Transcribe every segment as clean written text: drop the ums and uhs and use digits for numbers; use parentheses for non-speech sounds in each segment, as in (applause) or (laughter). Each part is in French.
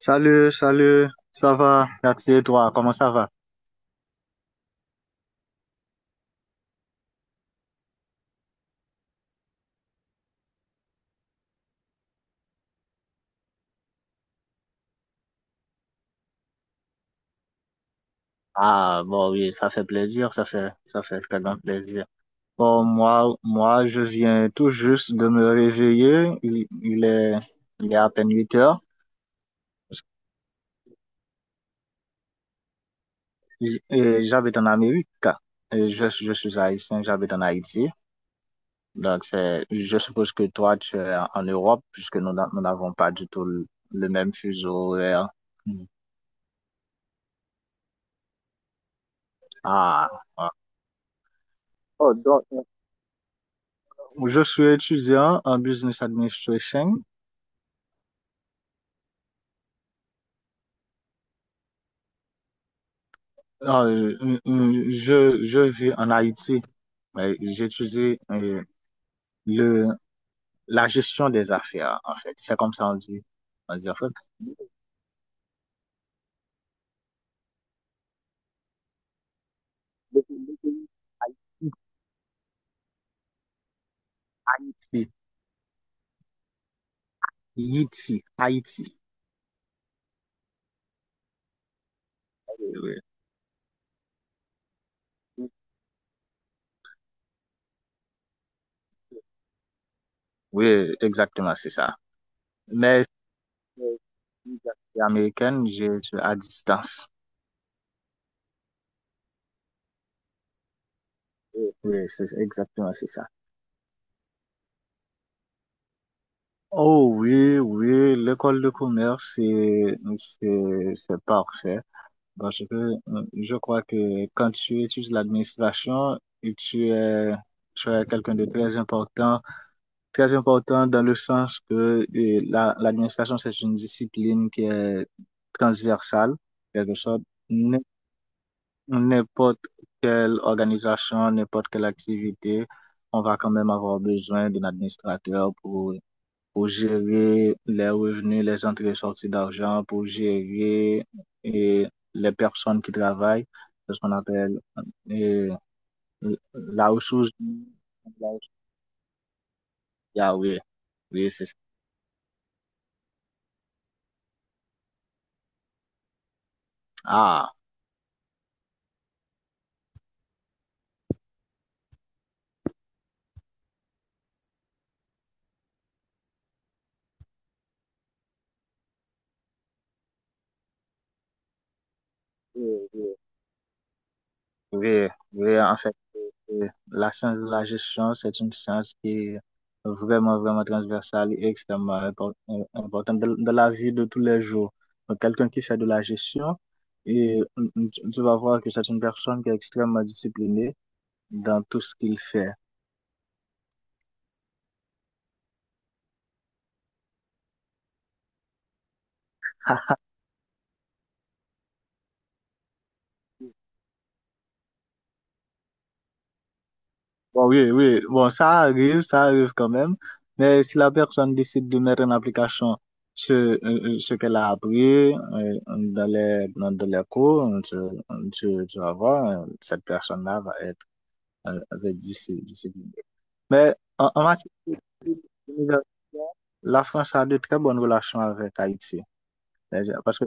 Salut, salut, ça va? Merci et toi, comment ça va? Ah bon oui, ça fait plaisir, ça fait très grand plaisir. Bon, moi, je viens tout juste de me réveiller. Il est à peine 8 heures. Et j'habite en Amérique. Et je suis haïtien, j'habite en Haïti. Donc, c'est, je suppose que toi, tu es en Europe, puisque nous n'avons pas du tout le même fuseau horaire. Ah, ah. Oh, donc, Je suis étudiant en business administration. Je vis en Haïti, mais j'étudie le, la gestion des affaires, en fait. C'est comme ça on dit. On dit en fait. Haïti. Haïti. Haïti. Oui, oui. Oui, exactement, c'est ça. Mais euh, américaine, à distance. Oui, oui, c'est exactement, c'est ça. Oh oui, oui, l'école de commerce, c'est parfait. Parce que je crois que quand tu étudies l'administration, et tu es quelqu'un de très important, très important, dans le sens que l'administration, c'est une discipline qui est transversale, quelque sorte. N- N'importe quelle organisation, n'importe quelle activité, on va quand même avoir besoin d'un administrateur pour gérer les revenus, les entrées et sorties d'argent, pour gérer et les personnes qui travaillent, c'est ce qu'on appelle et, la ressource. La ressource- Ah oui, oui, c'est ça. Ah, oui, oui. Oui, oui, en fait, la science de la gestion, c'est une science qui est vraiment, vraiment transversale et importante dans dans la vie de tous les jours. Donc, quelqu'un qui fait de la gestion, et tu vas voir que c'est une personne qui est extrêmement disciplinée dans tout ce qu'il fait. Bon, oui, oui, bon, ça arrive quand même. Mais si la personne décide de mettre en application ce qu'elle a appris dans les cours, tu vas voir, cette personne-là va être, va être disciplinée. Mais en matière d'université, la France a de très bonnes relations avec Haïti. C'est-à-dire- Parce que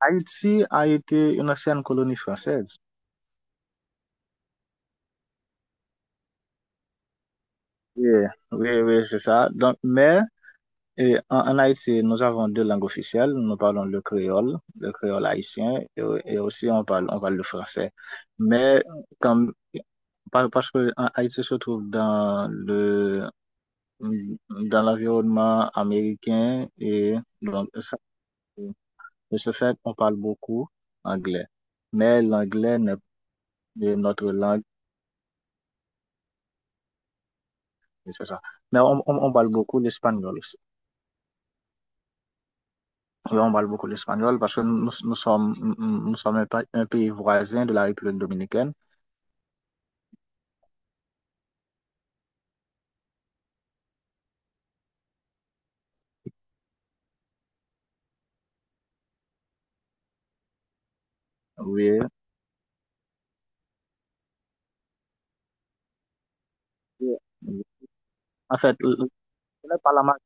Haïti a été une ancienne colonie française. Oui, oui, oui, c'est ça. Donc, mais et en Haïti, nous avons deux langues officielles. Nous parlons le créole haïtien, et aussi on parle le français. Mais quand, parce que en Haïti se trouve dans l'environnement américain, et donc, ça- de ce fait, on parle beaucoup anglais. Mais l'anglais n'est est notre langue, et c'est ça. Mais on parle beaucoup l'espagnol. Oui, on parle beaucoup l'espagnol parce que nous nous sommes un pays voisin de la République dominicaine. Oui. Oui. En fait, je ne parle pas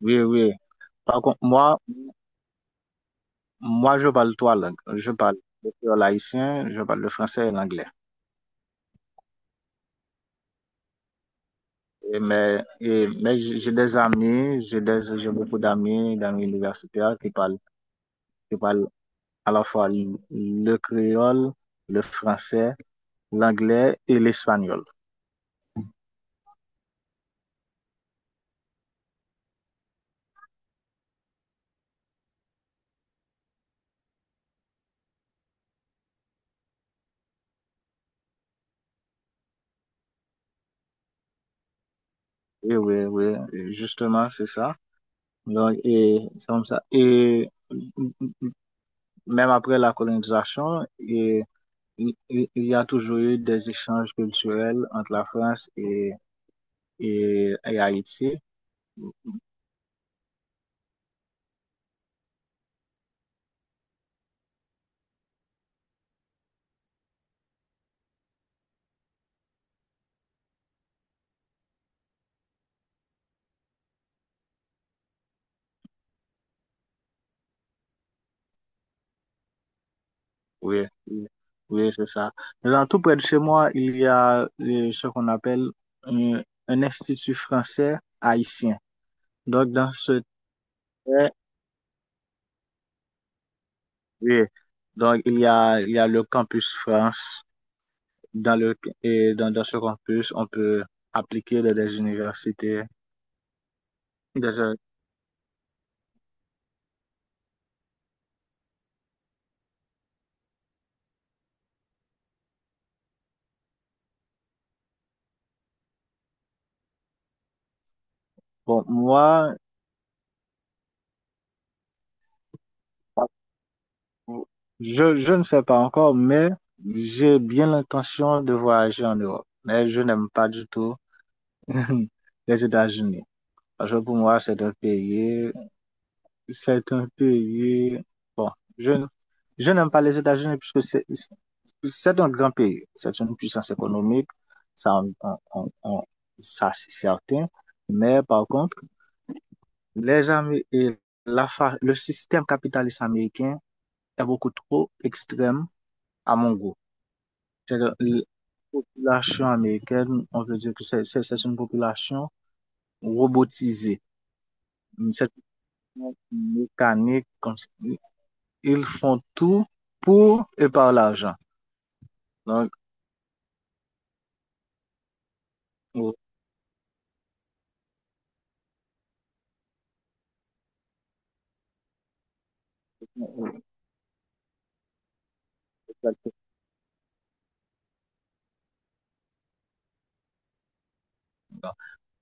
oui, oui. Par contre, moi, je parle trois langues. Je parle le créole haïtien, je parle le français et l'anglais. Mais j'ai des amis, j'ai beaucoup d'amis, d'amis universitaires qui parlent à la fois le créole, le français, l'anglais et l'espagnol. Et oui, oui, justement, c'est ça. Donc, et c'est comme ça. Et même après la colonisation, et, il y a toujours eu des échanges culturels entre la France et Haïti. Oui, oui, oui, c'est ça. Dans tout près de chez moi, il y a ce qu'on appelle euh, un institut français haïtien. Donc, dans ce eh, oui, donc il y a le campus France. Dans le, et dans, dans ce campus, on peut appliquer dans des universités. Déjà, bon, moi, je ne sais pas encore, mais j'ai bien l'intention de voyager en Europe. Mais je n'aime pas du tout (laughs) les États-Unis. Parce que pour moi, c'est un pays, bon, je, n- je n'aime pas les États-Unis puisque c'est un grand pays. C'est une puissance économique. Ça, on- on- ça, c'est certain. Mais par contre, les Amé- et le système capitaliste américain est beaucoup trop extrême à mon goût. C'est la population américaine, on peut dire que c'est une population robotisée. C'est une mécanique, comme ils font tout pour et par l'argent. Donc,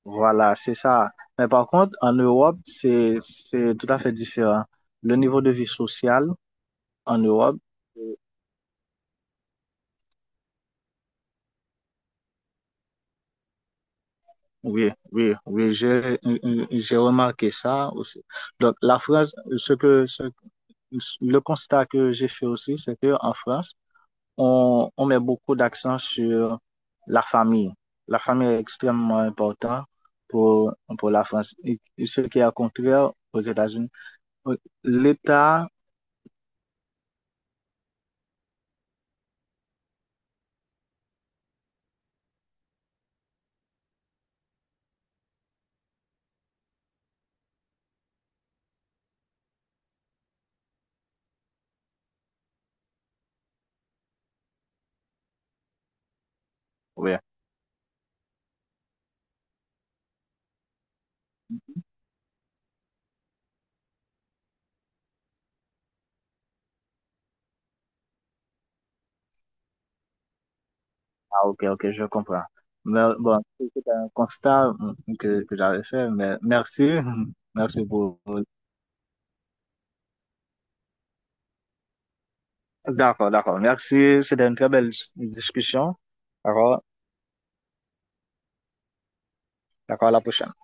voilà, c'est ça. Mais par contre, en Europe, c'est tout à fait différent. Le niveau de vie sociale en Europe. Oui, oui, oui, j'ai remarqué ça aussi. Donc, la France, le constat que j'ai fait aussi, c'est qu'en France, on met beaucoup d'accent sur la famille. La famille est extrêmement importante pour, pour la France. Et ce qui est au contraire aux États-Unis. L'État, oui, ah, ok, ok, je comprends. Mais bon, c'est un constat que j'avais fait, mais merci, (laughs) merci pour. D'accord, d'accord. Merci. C'était une très belle discussion. D'accord, d'accord, à la prochaine.